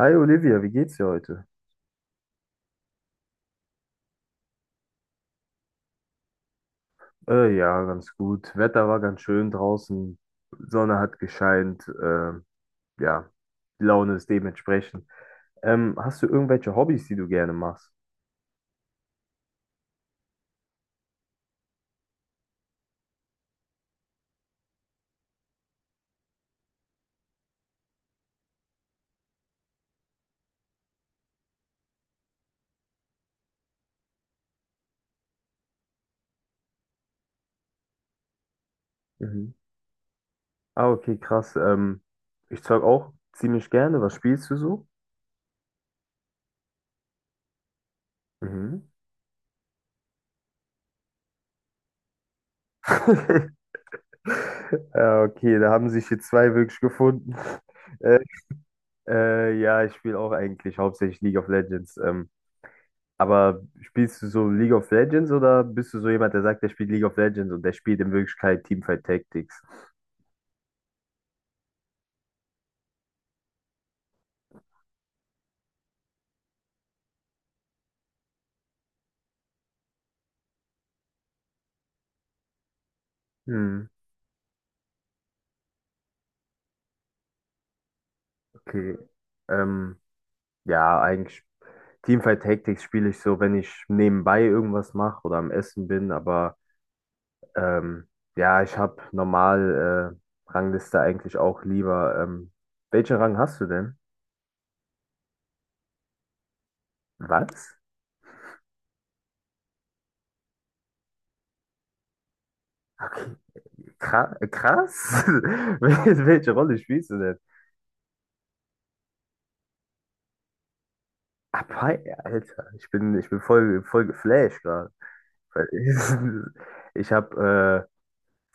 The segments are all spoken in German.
Hi Olivia, wie geht's dir heute? Ja, ganz gut. Wetter war ganz schön draußen, Sonne hat gescheint, ja, die Laune ist dementsprechend. Hast du irgendwelche Hobbys, die du gerne machst? Mhm. Ah, okay, krass. Ich zeug auch ziemlich gerne. Was spielst du so? Mhm. Ja, okay, da haben sich hier zwei wirklich gefunden. Äh, ja, ich spiele auch eigentlich hauptsächlich League of Legends. Aber spielst du so League of Legends oder bist du so jemand, der sagt, der spielt League of Legends und der spielt in Wirklichkeit Teamfight Tactics? Hm, okay. Ähm, ja, eigentlich Teamfight Tactics spiele ich so, wenn ich nebenbei irgendwas mache oder am Essen bin, aber ähm, ja, ich habe normal Rangliste eigentlich auch lieber. Welchen Rang hast du denn? Was? Krass. Welche Rolle spielst du denn? Aber, Alter, ich bin voll, voll geflasht gerade. Weil ich, ich habe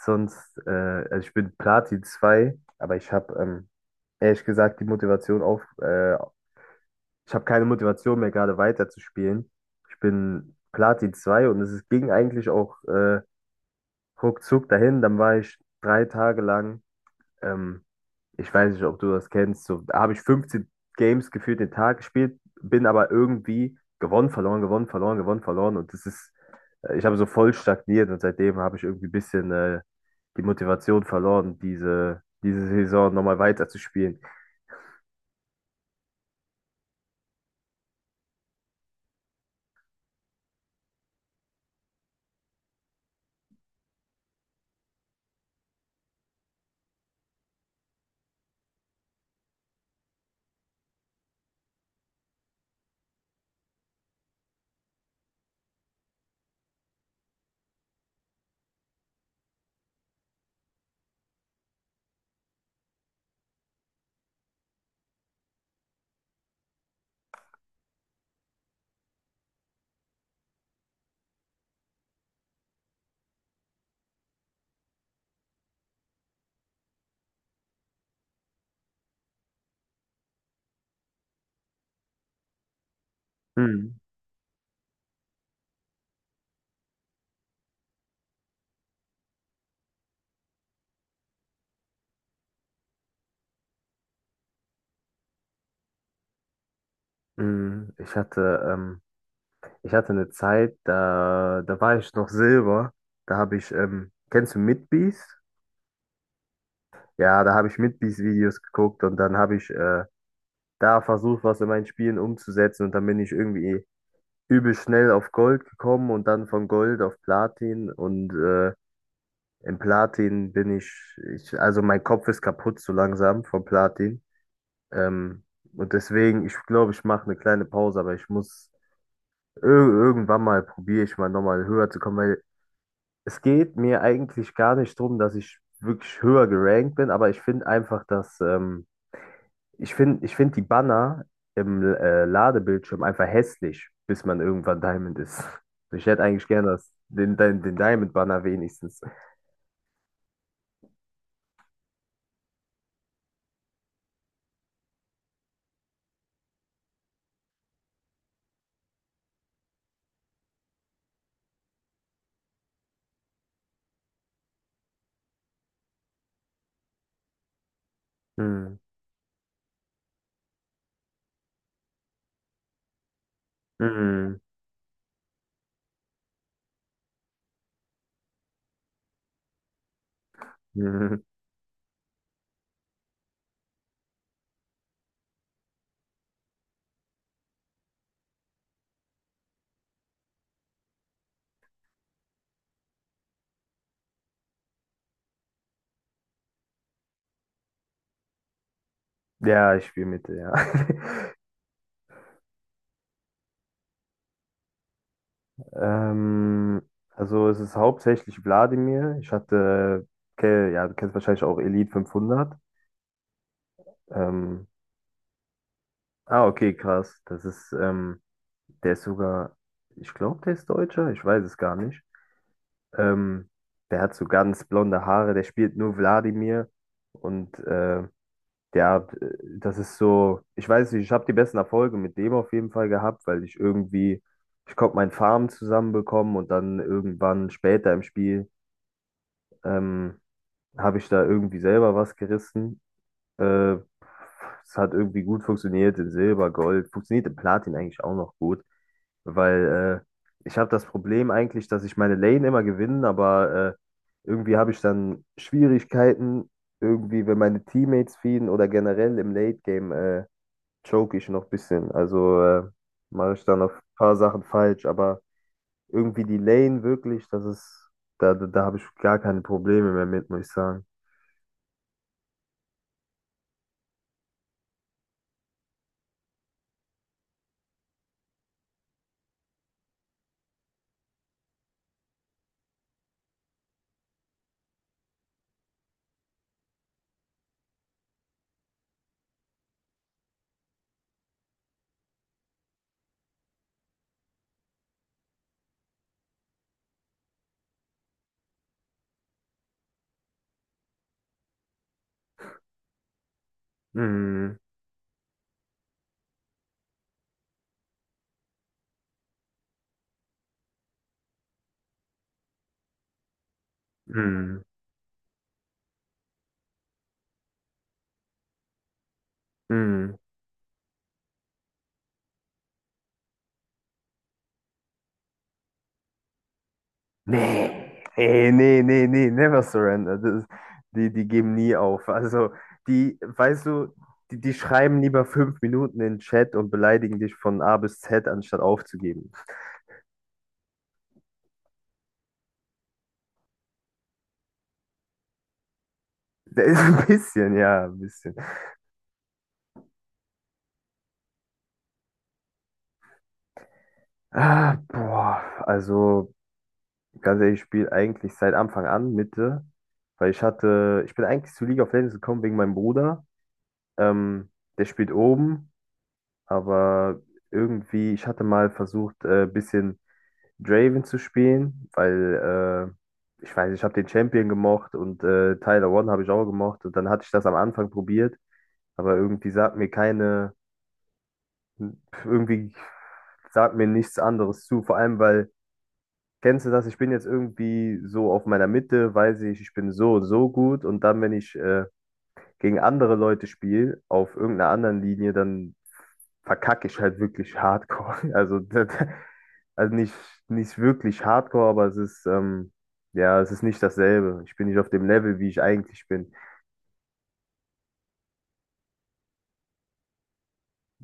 sonst, also ich bin Platin zwei, aber ich habe ehrlich gesagt die Motivation auf, ich habe keine Motivation mehr gerade weiterzuspielen. Ich bin Platin 2 und es ist- ging eigentlich auch ruckzuck dahin. Dann war ich 3 Tage lang. Ähm, Ich weiß nicht, ob du das kennst. So, da habe ich 15 Games gefühlt den Tag gespielt, bin aber irgendwie gewonnen, verloren, gewonnen, verloren, gewonnen, verloren. Und das ist, ich habe so voll stagniert und seitdem habe ich irgendwie ein bisschen die Motivation verloren, diese Saison nochmal weiterzuspielen. Hm. Hm. Ich hatte eine Zeit, da war ich noch Silber. Da habe ich, kennst du Midbeast? Ja, da habe ich Midbeast-Videos geguckt und dann habe ich da versucht, was in meinen Spielen umzusetzen. Und dann bin ich irgendwie übel schnell auf Gold gekommen und dann von Gold auf Platin. Und im Platin bin ich, also mein Kopf ist kaputt so langsam vom Platin. Ähm, und deswegen, ich glaube, ich mache eine kleine Pause, aber ich muss ir irgendwann mal probiere ich mal nochmal höher zu kommen, weil es geht mir eigentlich gar nicht drum, dass ich wirklich höher gerankt bin, aber ich finde einfach, dass ich find die Banner im Ladebildschirm einfach hässlich, bis man irgendwann Diamond ist. Also ich hätte eigentlich gerne den Diamond-Banner wenigstens. Hm. Mhm. Mhm. Ja, ich spiele Mitte, ja. Ähm, also es ist hauptsächlich Wladimir. Ich hatte, ja, du kennst wahrscheinlich auch Elite 500. Ähm, ah, okay, krass. Das ist, der ist sogar, ich glaube, der ist Deutscher. Ich weiß es gar nicht. Ähm, Der hat so ganz blonde Haare, der spielt nur Wladimir und der, äh, das ist so, ich weiß nicht, ich habe die besten Erfolge mit dem auf jeden Fall gehabt, weil ich irgendwie, ich konnte mein Farm zusammenbekommen und dann irgendwann später im Spiel ähm, habe ich da irgendwie selber was gerissen, äh, es hat irgendwie gut funktioniert in Silber, Gold, funktioniert in Platin eigentlich auch noch gut, weil ich habe das Problem eigentlich, dass ich meine Lane immer gewinne, aber irgendwie habe ich dann Schwierigkeiten, irgendwie, wenn meine Teammates feeden oder generell im Late Game choke ich noch ein bisschen. Also mache ich dann noch ein paar Sachen falsch, aber irgendwie die Lane wirklich, das ist, da habe ich gar keine Probleme mehr mit, muss ich sagen. Mm, mm, mm. Nee, ey, nee, nee, nee, never surrender. Das ist, die geben nie auf. Also, die, weißt du, die schreiben lieber 5 Minuten in den Chat und beleidigen dich von A bis Z, anstatt aufzugeben. Der ist ein bisschen, ja, ein bisschen. Ah, boah, also, ganz ehrlich, ich spiele eigentlich seit Anfang an Mitte, weil ich bin eigentlich zu League of Legends gekommen wegen meinem Bruder. Ähm, Der spielt oben, aber irgendwie, ich hatte mal versucht, ein bisschen Draven zu spielen, weil ich weiß, ich habe den Champion gemocht und Tyler One habe ich auch gemocht und dann hatte ich das am Anfang probiert, aber irgendwie sagt mir nichts anderes zu, vor allem weil, kennst du das, ich bin jetzt irgendwie so auf meiner Mitte, weiß ich, ich bin so und so gut und dann, wenn ich gegen andere Leute spiele, auf irgendeiner anderen Linie, dann verkacke ich halt wirklich hardcore. Also, das, also nicht, nicht wirklich hardcore, aber es ist, ja, es ist nicht dasselbe. Ich bin nicht auf dem Level, wie ich eigentlich bin.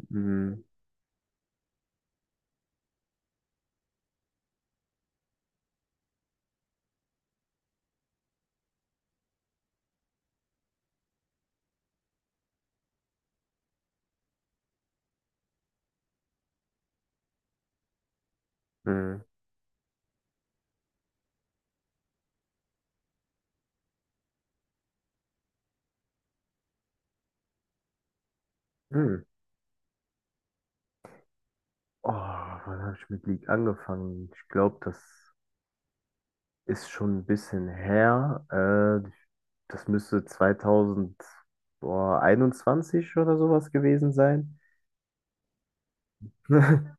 Mhm. Mhm. Mhm. Oh, wann habe ich mit League angefangen? Ich glaube, das ist schon ein bisschen her. Äh, Das müsste 2021 oder sowas gewesen sein.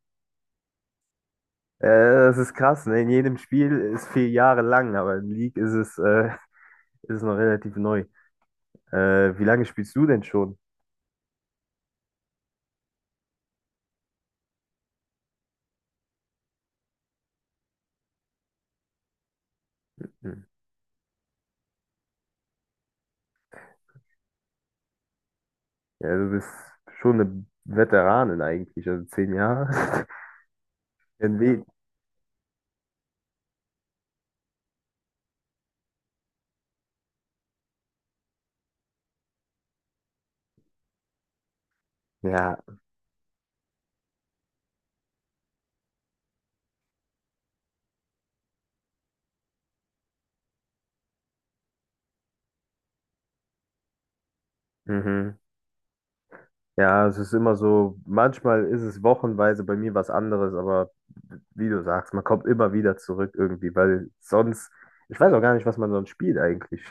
Das ist krass, ne? In jedem Spiel ist 4 Jahre lang, aber in League ist es, ist es noch relativ neu. Wie lange spielst du denn schon? Hm. Ja, du bist schon eine Veteranin eigentlich, also 10 Jahre. Irgendwie. Ja. Mhm. Ja, es ist immer so, manchmal ist es wochenweise bei mir was anderes, aber wie du sagst, man kommt immer wieder zurück irgendwie, weil sonst, ich weiß auch gar nicht, was man sonst spielt eigentlich.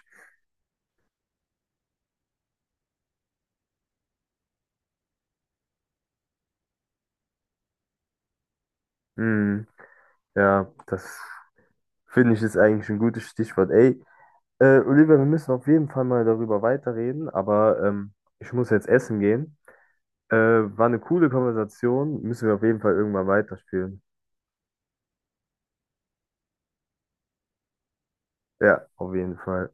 Hm. Ja, das finde ich ist eigentlich ein gutes Stichwort. Ey, Olivia, wir müssen auf jeden Fall mal darüber weiterreden, aber ich muss jetzt essen gehen. War eine coole Konversation, müssen wir auf jeden Fall irgendwann weiterspielen. Ja, auf jeden Fall.